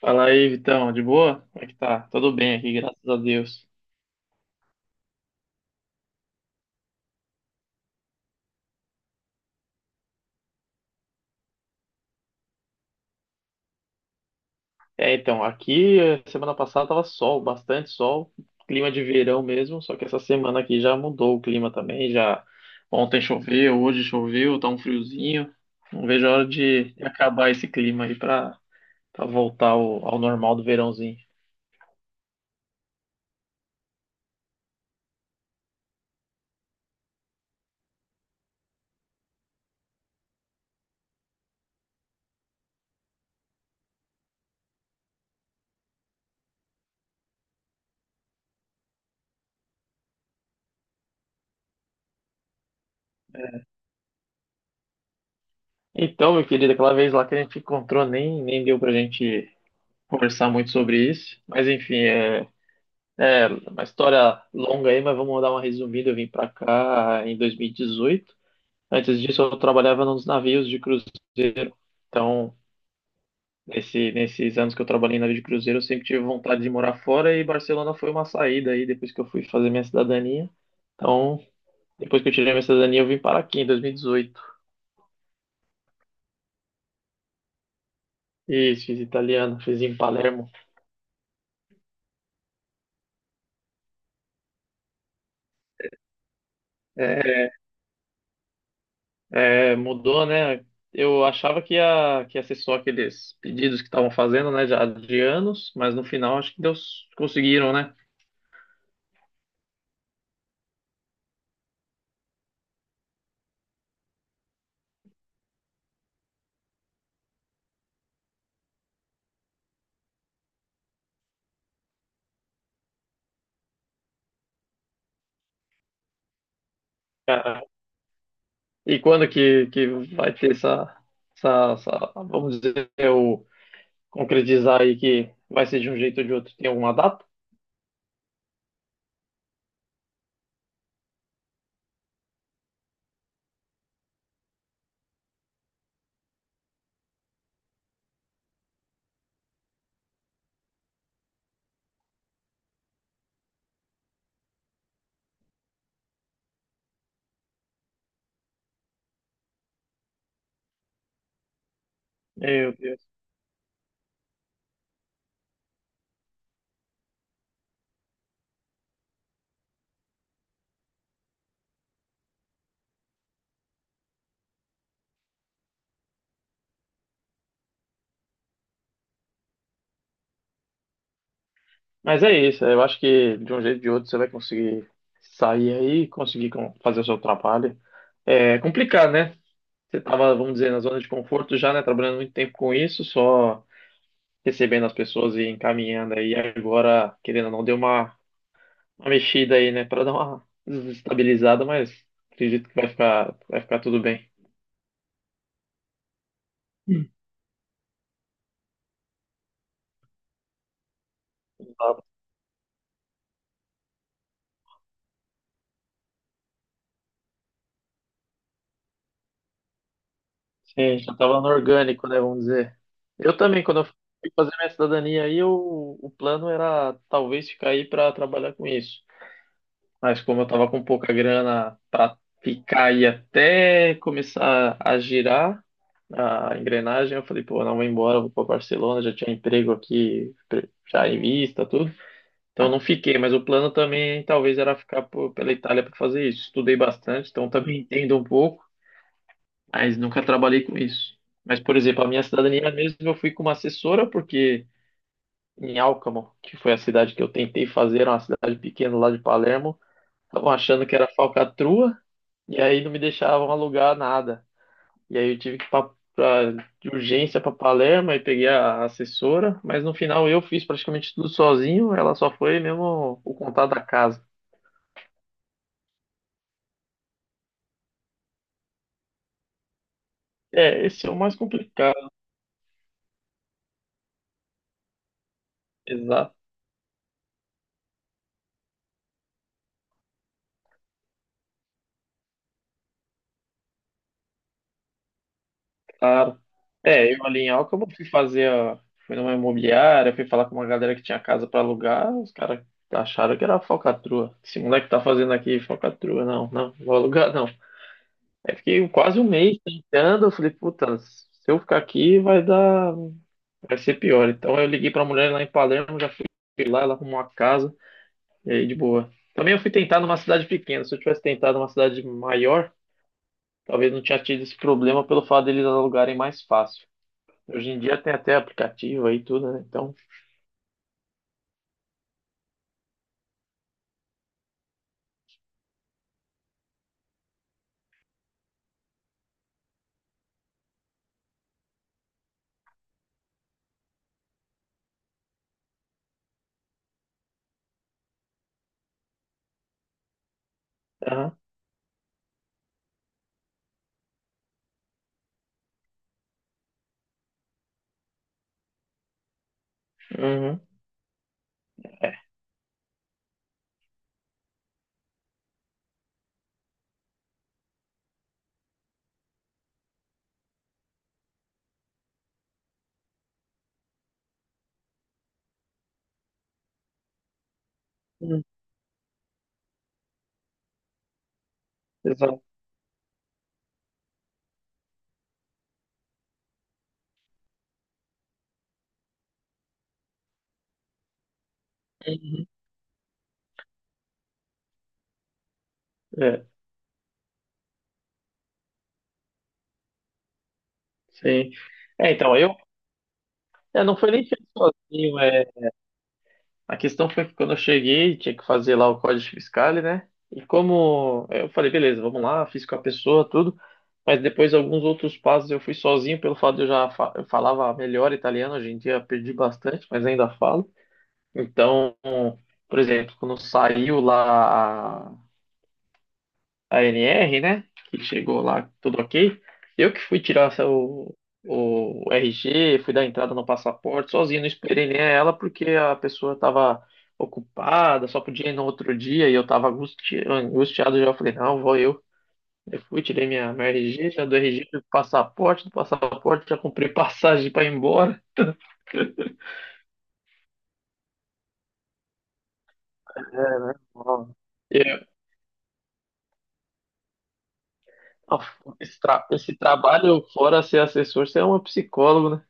Fala aí, Vitão, de boa? Como é que tá? Tudo bem aqui, graças a Deus. É, então, aqui semana passada tava sol, bastante sol, clima de verão mesmo, só que essa semana aqui já mudou o clima também, já ontem choveu, hoje choveu, tá um friozinho. Não vejo a hora de acabar esse clima aí, pra voltar ao normal do verãozinho. Então, meu querido, aquela vez lá que a gente encontrou, nem deu pra gente conversar muito sobre isso, mas enfim, é. É, uma história longa aí, mas vamos dar uma resumida. Eu vim para cá em 2018. Antes disso, eu trabalhava nos navios de cruzeiro. Então, nesses anos que eu trabalhei em navio de cruzeiro, eu sempre tive vontade de morar fora e Barcelona foi uma saída aí depois que eu fui fazer minha cidadania. Então, depois que eu tirei minha cidadania, eu vim para aqui em 2018. Isso, fiz italiano, fiz em Palermo. É, é, mudou, né? Eu achava que ia, ser só aqueles pedidos que estavam fazendo, né, já de anos, mas no final acho que Deus conseguiram, né? Cara, e quando que vai ter vamos dizer, o concretizar aí, que vai ser de um jeito ou de outro? Tem alguma data? Meu Deus. Mas é isso, eu acho que de um jeito ou de outro você vai conseguir sair aí, fazer o seu trabalho. É complicado, né? Você tava, vamos dizer, na zona de conforto já, né? Trabalhando muito tempo com isso, só recebendo as pessoas e encaminhando aí. Agora, querendo ou não, deu uma, mexida aí, né? Para dar uma desestabilizada, mas acredito que vai ficar tudo bem. Hum. Sim, já estava no orgânico, né? Vamos dizer. Eu também, quando eu fui fazer minha cidadania aí, o plano era talvez ficar aí para trabalhar com isso. Mas como eu estava com pouca grana para ficar aí até começar a girar a engrenagem, eu falei, pô, não vou embora, vou para Barcelona, já tinha emprego aqui, já em vista, tudo. Então eu não fiquei, mas o plano também talvez era ficar pela Itália para fazer isso. Estudei bastante, então também entendo um pouco, mas nunca trabalhei com isso. Mas, por exemplo, a minha cidadania mesmo eu fui com uma assessora, porque em Alcamo, que foi a cidade que eu tentei fazer, era uma cidade pequena lá de Palermo, estavam achando que era falcatrua, e aí não me deixavam alugar nada. E aí eu tive que ir pra- de urgência para Palermo, e peguei a assessora, mas no final eu fiz praticamente tudo sozinho, ela só foi mesmo o contato da casa. É, esse é o mais complicado, exato. Claro. É, eu ali em Alcântara fui fazer a... Fui numa imobiliária, fui falar com uma galera que tinha casa pra alugar, os caras acharam que era falcatrua. Esse moleque tá fazendo aqui falcatrua, não, não, vou alugar não. Aí fiquei quase um mês tentando, eu falei, puta, se eu ficar aqui vai dar, vai ser pior. Então eu liguei pra mulher lá em Palermo, já fui lá, ela arrumou uma casa, e aí de boa. Também eu fui tentar numa cidade pequena, se eu tivesse tentado numa cidade maior, talvez não tinha tido esse problema pelo fato deles alugarem mais fácil. Hoje em dia tem até aplicativo aí e tudo, né? Então, aham, uhum, é. Hum, exato. Uhum, é, sim. É, então, eu, é, não foi nem feito sozinho, é. A questão foi que quando eu cheguei, tinha que fazer lá o Código fiscal, né? E como eu falei, beleza, vamos lá, fiz com a pessoa, tudo. Mas depois alguns outros passos eu fui sozinho, pelo fato de eu falava melhor italiano, hoje em dia perdi bastante, mas ainda falo. Então, por exemplo, quando saiu lá a NR, né? Que chegou lá tudo ok. Eu que fui tirar o RG, fui dar entrada no passaporte sozinho, não esperei nem ela porque a pessoa estava ocupada, só podia ir no outro dia e eu estava angustiado já. Eu falei, não, vou eu. Eu fui, tirei minha, RG, já do RG, fui pro passaporte, do passaporte já comprei passagem para ir embora. É, né? Ó, eu- ó, esse trabalho, fora ser assessor, você é um psicólogo, né?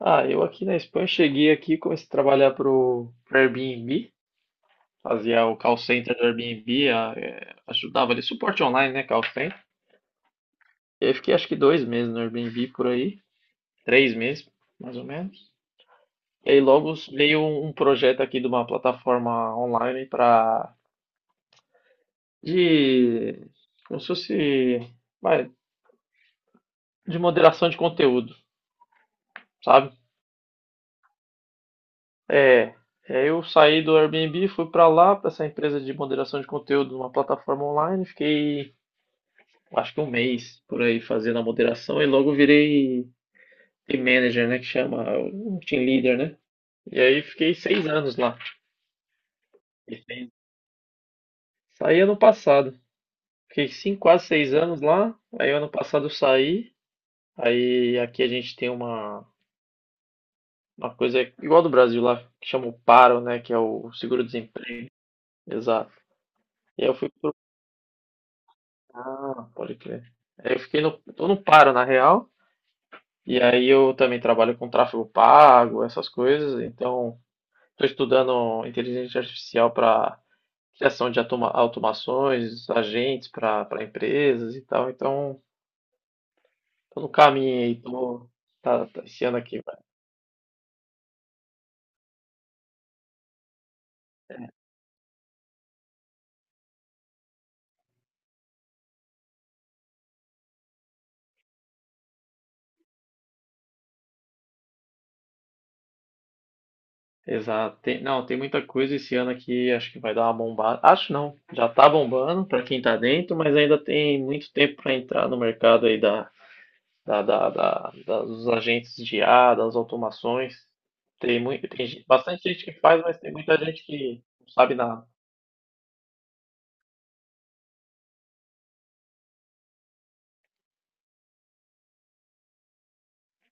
Ah, eu aqui na Espanha cheguei aqui, comecei a trabalhar pro Airbnb, fazia o call center do Airbnb, ajudava ali, suporte online, né, call center. E aí fiquei acho que 2 meses no Airbnb por aí, 3 meses, mais ou menos. E aí logo veio um projeto aqui de uma plataforma online para, de, como se fosse, vai, de moderação de conteúdo, sabe? É, é, eu saí do Airbnb, fui para lá, para essa empresa de moderação de conteúdo numa plataforma online, fiquei acho que um mês por aí fazendo a moderação e logo virei team manager, né, que chama, um team leader, né? E aí fiquei 6 anos lá. Fiquei seis- Saí ano passado. Fiquei 5, quase 6 anos lá. Aí ano passado eu saí. Aí aqui a gente tem uma coisa igual do Brasil lá, que chama o PARO, né, que é o seguro-desemprego. Exato. E aí eu fui pro... Ah, pode crer. Aí eu fiquei no... Tô no PARO, na real. E aí eu também trabalho com tráfego pago, essas coisas. Então... Estou estudando inteligência artificial para criação de automações, agentes para empresas e tal. Então, estou no caminho aí. Esse ano aqui vai. Exato. Não, tem muita coisa esse ano aqui. Acho que vai dar uma bombada. Acho não. Já está bombando para quem está dentro, mas ainda tem muito tempo para entrar no mercado aí dos agentes de IA, das automações. Tem muito, bastante gente que faz, mas tem muita gente que não sabe nada.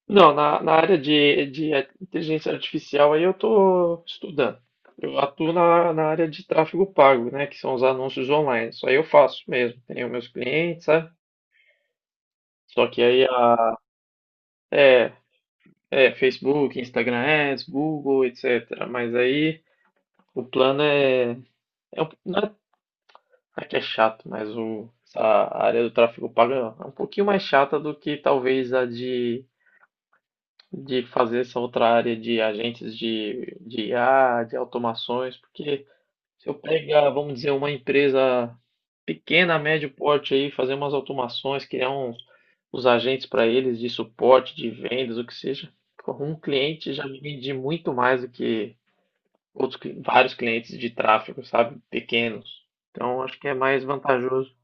Não, na área de inteligência artificial aí eu estou estudando. Eu atuo na área de tráfego pago, né? Que são os anúncios online. Isso aí eu faço mesmo. Tenho meus clientes, sabe? Só que aí é, é Facebook, Instagram Ads, Google, etc. Mas aí o plano é, não é, que é chato, mas essa área do tráfego pago é um pouquinho mais chata do que talvez a de fazer essa outra área de agentes de IA, de automações, porque se eu pegar, vamos dizer, uma empresa pequena, médio porte aí, fazer umas automações, criar uns, os agentes para eles de suporte, de vendas, o que seja, pô, um cliente já me vende muito mais do que vários clientes de tráfego, sabe? Pequenos. Então, acho que é mais vantajoso.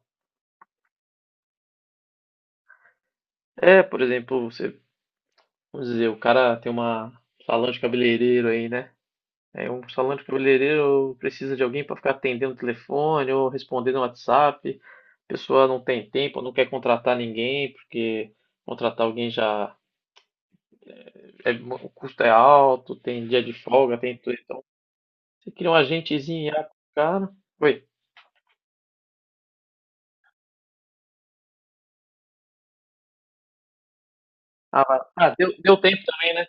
É, por exemplo, você, vamos dizer, o cara tem uma salão de cabeleireiro aí, né? É, um salão de cabeleireiro precisa de alguém para ficar atendendo o telefone ou respondendo o WhatsApp. A pessoa não tem tempo, não quer contratar ninguém, porque contratar alguém já é, o custo é alto, tem dia de folga, tem tudo. Então, você cria um agentezinho lá com o cara. Oi. Ah, vai. Ah, deu, deu tempo também, né?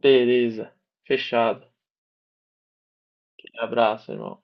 Beleza. Fechado. Abraço, irmão.